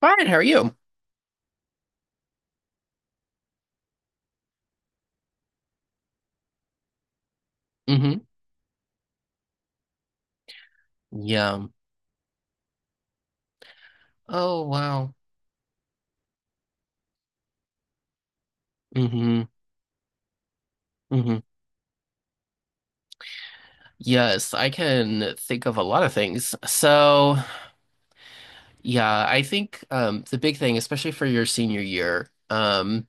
Fine, how are you? Hmm. Yeah. Oh, wow. Hmm hmm. Yes, I can think of a lot of things. So, yeah, I think the big thing, especially for your senior year,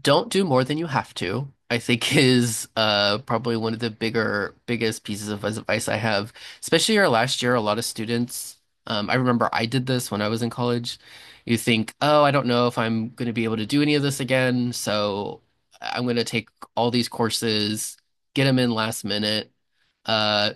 don't do more than you have to, I think is probably one of the biggest pieces of advice I have. Especially our last year, a lot of students, I remember I did this when I was in college. You think, oh, I don't know if I'm going to be able to do any of this again, so I'm going to take all these courses, get them in last minute. Uh,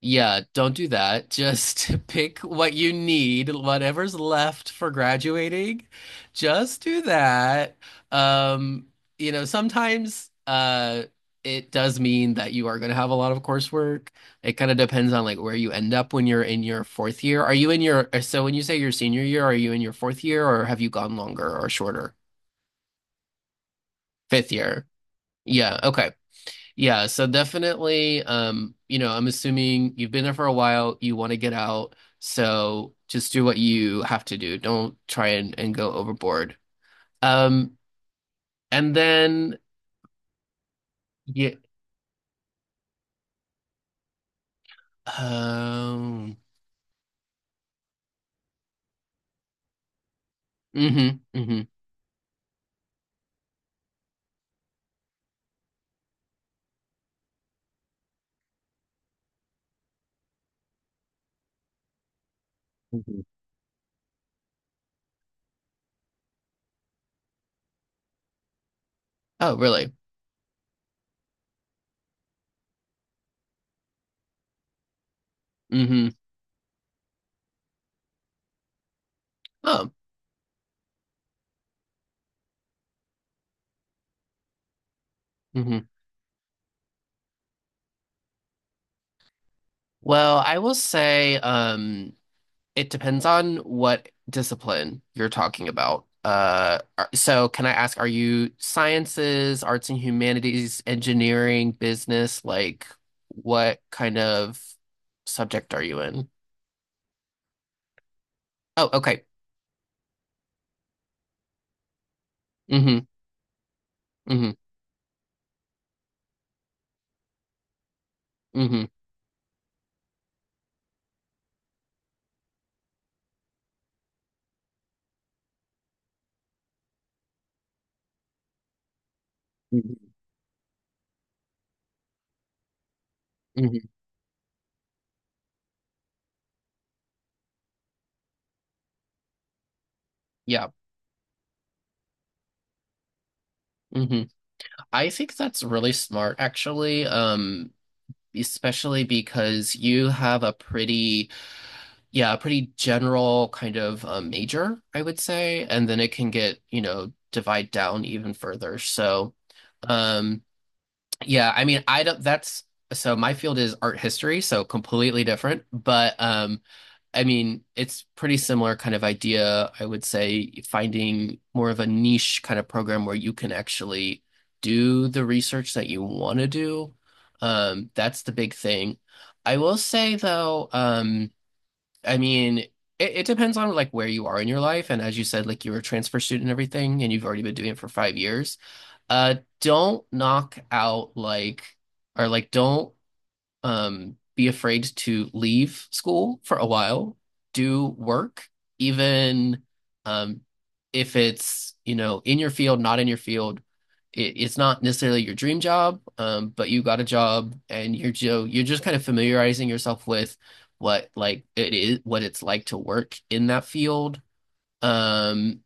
yeah, don't do that. Just pick what you need, whatever's left for graduating. Just do that. Um, you know, sometimes it does mean that you are going to have a lot of coursework. It kind of depends on like where you end up when you're in your fourth year. Are you in your so when you say your senior year, are you in your fourth year or have you gone longer or shorter? Fifth year. Yeah, okay. Yeah, so definitely, you know, I'm assuming you've been there for a while, you want to get out, so just do what you have to do. Don't try and go overboard. Um, and then yeah, um, hmm hmm. Oh, really? Hmm. Oh. Hmm. Well, I will say, it depends on what discipline you're talking about. So can I ask, are you sciences, arts and humanities, engineering, business? Like, what kind of subject are you in? Oh, okay. Mm-hmm. Mm-hmm. Mm-hmm. Mm-hmm. Mm-hmm. Yeah. Mm-hmm. I think that's really smart, actually. Especially because you have a a pretty general kind of major, I would say, and then it can get, you know, divide down even further. So, um, yeah, I mean, I don't, that's, so my field is art history, so completely different, but I mean, it's pretty similar kind of idea, I would say, finding more of a niche kind of program where you can actually do the research that you want to do. That's the big thing. I will say though, I mean, it depends on like where you are in your life. And as you said, like you're a transfer student and everything, and you've already been doing it for 5 years. Uh, don't knock out like, or like, don't Be afraid to leave school for a while, do work, even um, if it's, you know, in your field, not in your field. It's not necessarily your dream job, but you got a job and you're Joe, you're just kind of familiarizing yourself with what like it is, what it's like to work in that field. Um,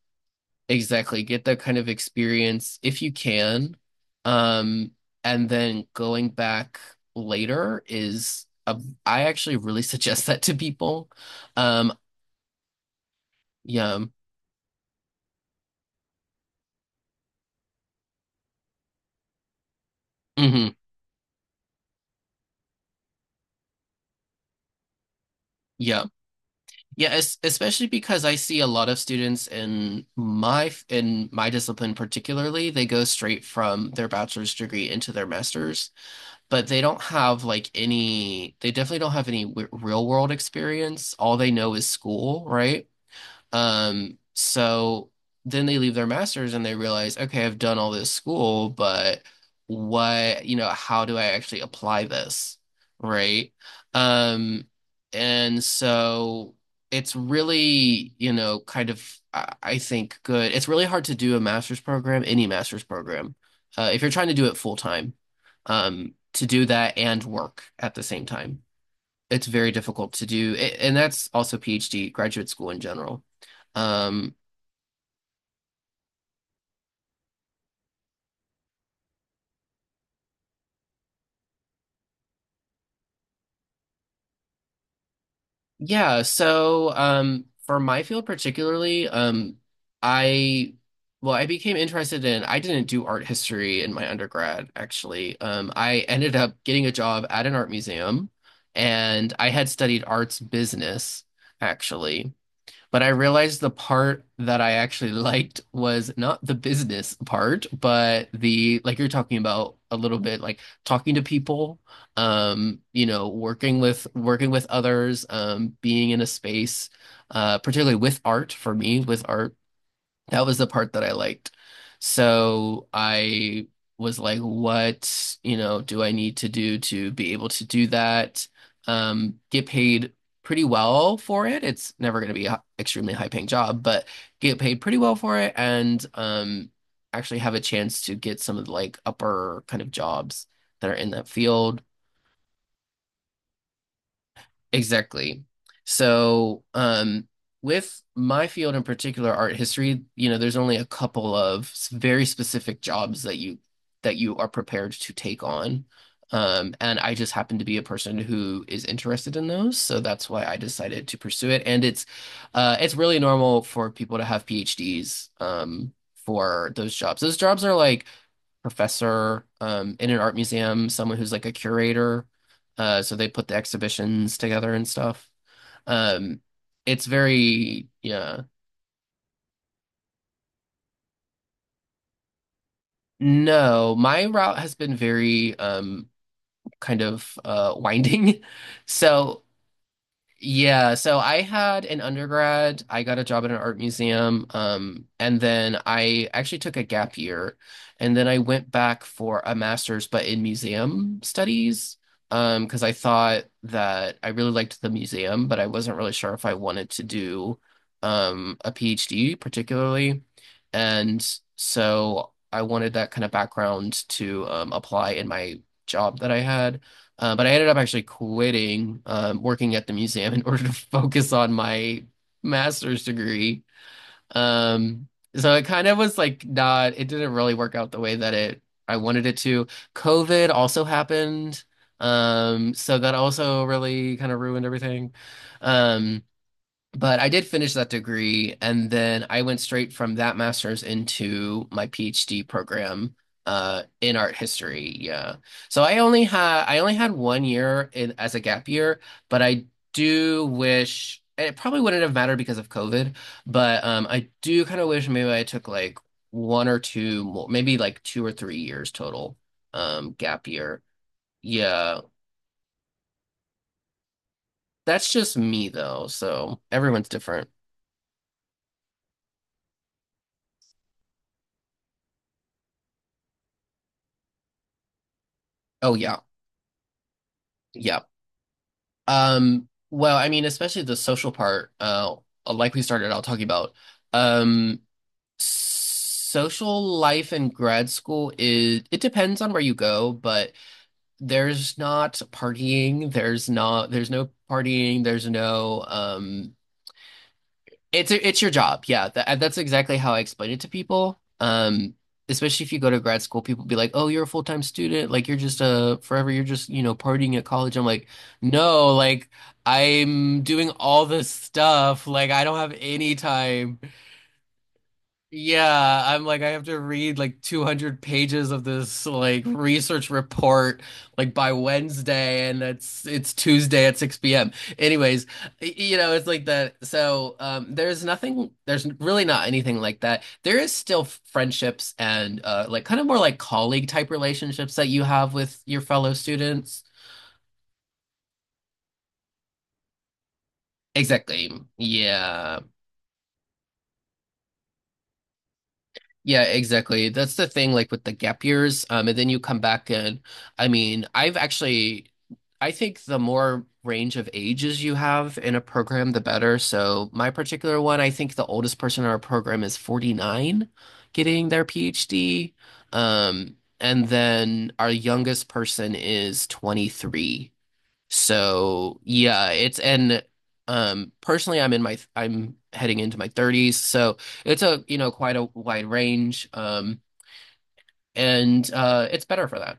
Exactly. Get that kind of experience if you can. Um, and then going back later is a, I actually really suggest that to people. Um, yeah. Hmm. Yeah. Yeah, es Especially because I see a lot of students in my discipline particularly, they go straight from their bachelor's degree into their master's, but they don't have like any, they definitely don't have any w real world experience. All they know is school, right? So then they leave their masters and they realize, okay, I've done all this school, but what, you know, how do I actually apply this? Right. Um, and so it's really, you know, I think, good. It's really hard to do a master's program, any master's program, if you're trying to do it full time, to do that and work at the same time, it's very difficult to do, and that's also PhD graduate school in general. Um, for my field particularly, I well, I became interested in. I didn't do art history in my undergrad, actually. I ended up getting a job at an art museum, and I had studied arts business, actually. But I realized the part that I actually liked was not the business part, but the like you're talking about a little bit, like talking to people, you know, working with others, being in a space, particularly with art for me, with art that was the part that I liked. So I was like, what, you know, do I need to do to be able to do that? Get paid pretty well for it. It's never going to be an extremely high paying job, but get paid pretty well for it, and actually have a chance to get some of the like upper kind of jobs that are in that field. Exactly. So, with my field in particular, art history, you know, there's only a couple of very specific jobs that you are prepared to take on. And I just happen to be a person who is interested in those, so that's why I decided to pursue it. And it's really normal for people to have PhDs for those jobs. Those jobs are like professor in an art museum, someone who's like a curator. So they put the exhibitions together and stuff. Um, it's very, yeah. No, my route has been very winding. So Yeah, so I had an undergrad. I got a job at an art museum, and then I actually took a gap year, and then I went back for a master's, but in museum studies, because I thought that I really liked the museum, but I wasn't really sure if I wanted to do a PhD particularly, and so I wanted that kind of background to apply in my job that I had. But I ended up actually quitting working at the museum in order to focus on my master's degree. Um, so it kind of was like not, it didn't really work out the way that it I wanted it to. COVID also happened. So that also really kind of ruined everything. Um, but I did finish that degree, and then I went straight from that master's into my PhD program in art history. Yeah, so I only had 1 year in, as a gap year, but I do wish, and it probably wouldn't have mattered because of COVID. But I do kind of wish maybe I took like one or two more, maybe like 2 or 3 years total gap year. Yeah, that's just me though, so everyone's different. Oh yeah. Yeah. Well, I mean, especially the social part, like we started out talking about, um, social life in grad school is, it depends on where you go, but there's not partying, there's no partying, there's no, it's your job. Yeah, that's exactly how I explain it to people. Especially if you go to grad school, people be like, "Oh, you're a full-time student. Like you're just a forever. You're just, you know, partying at college." I'm like, "No, like I'm doing all this stuff. Like I don't have any time, yeah, I'm like I have to read like 200 pages of this like research report like by Wednesday, and it's Tuesday at 6 p.m." Anyways, you know, it's like that. So there's nothing there's really not anything like that. There is still friendships and like kind of more like colleague type relationships that you have with your fellow students. Exactly. Yeah. Yeah, exactly. That's the thing, like with the gap years. And then you come back and I mean, I think the more range of ages you have in a program, the better. So my particular one, I think the oldest person in our program is 49 getting their PhD. And then our youngest person is 23. So yeah, it's and personally I'm heading into my 30s, so it's a, you know, quite a wide range, and it's better for that.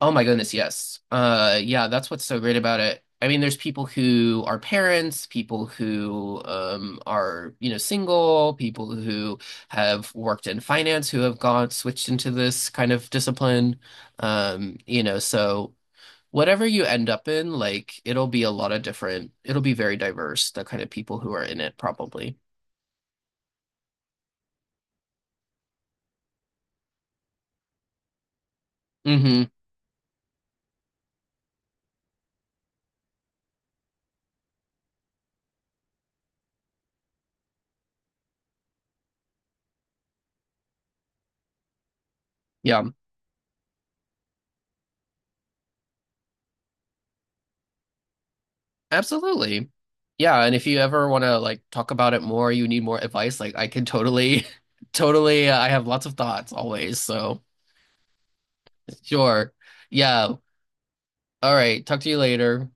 Oh my goodness, yes. Yeah, that's what's so great about it. I mean, there's people who are parents, people who are, you know, single, people who have worked in finance who have gone switched into this kind of discipline. You know, so whatever you end up in, like it'll be a lot of different, it'll be very diverse, the kind of people who are in it probably. Hmm. Yeah, absolutely. Yeah, and if you ever want to like talk about it more, you need more advice, like I can totally totally I have lots of thoughts always. So, sure. Yeah. All right, talk to you later.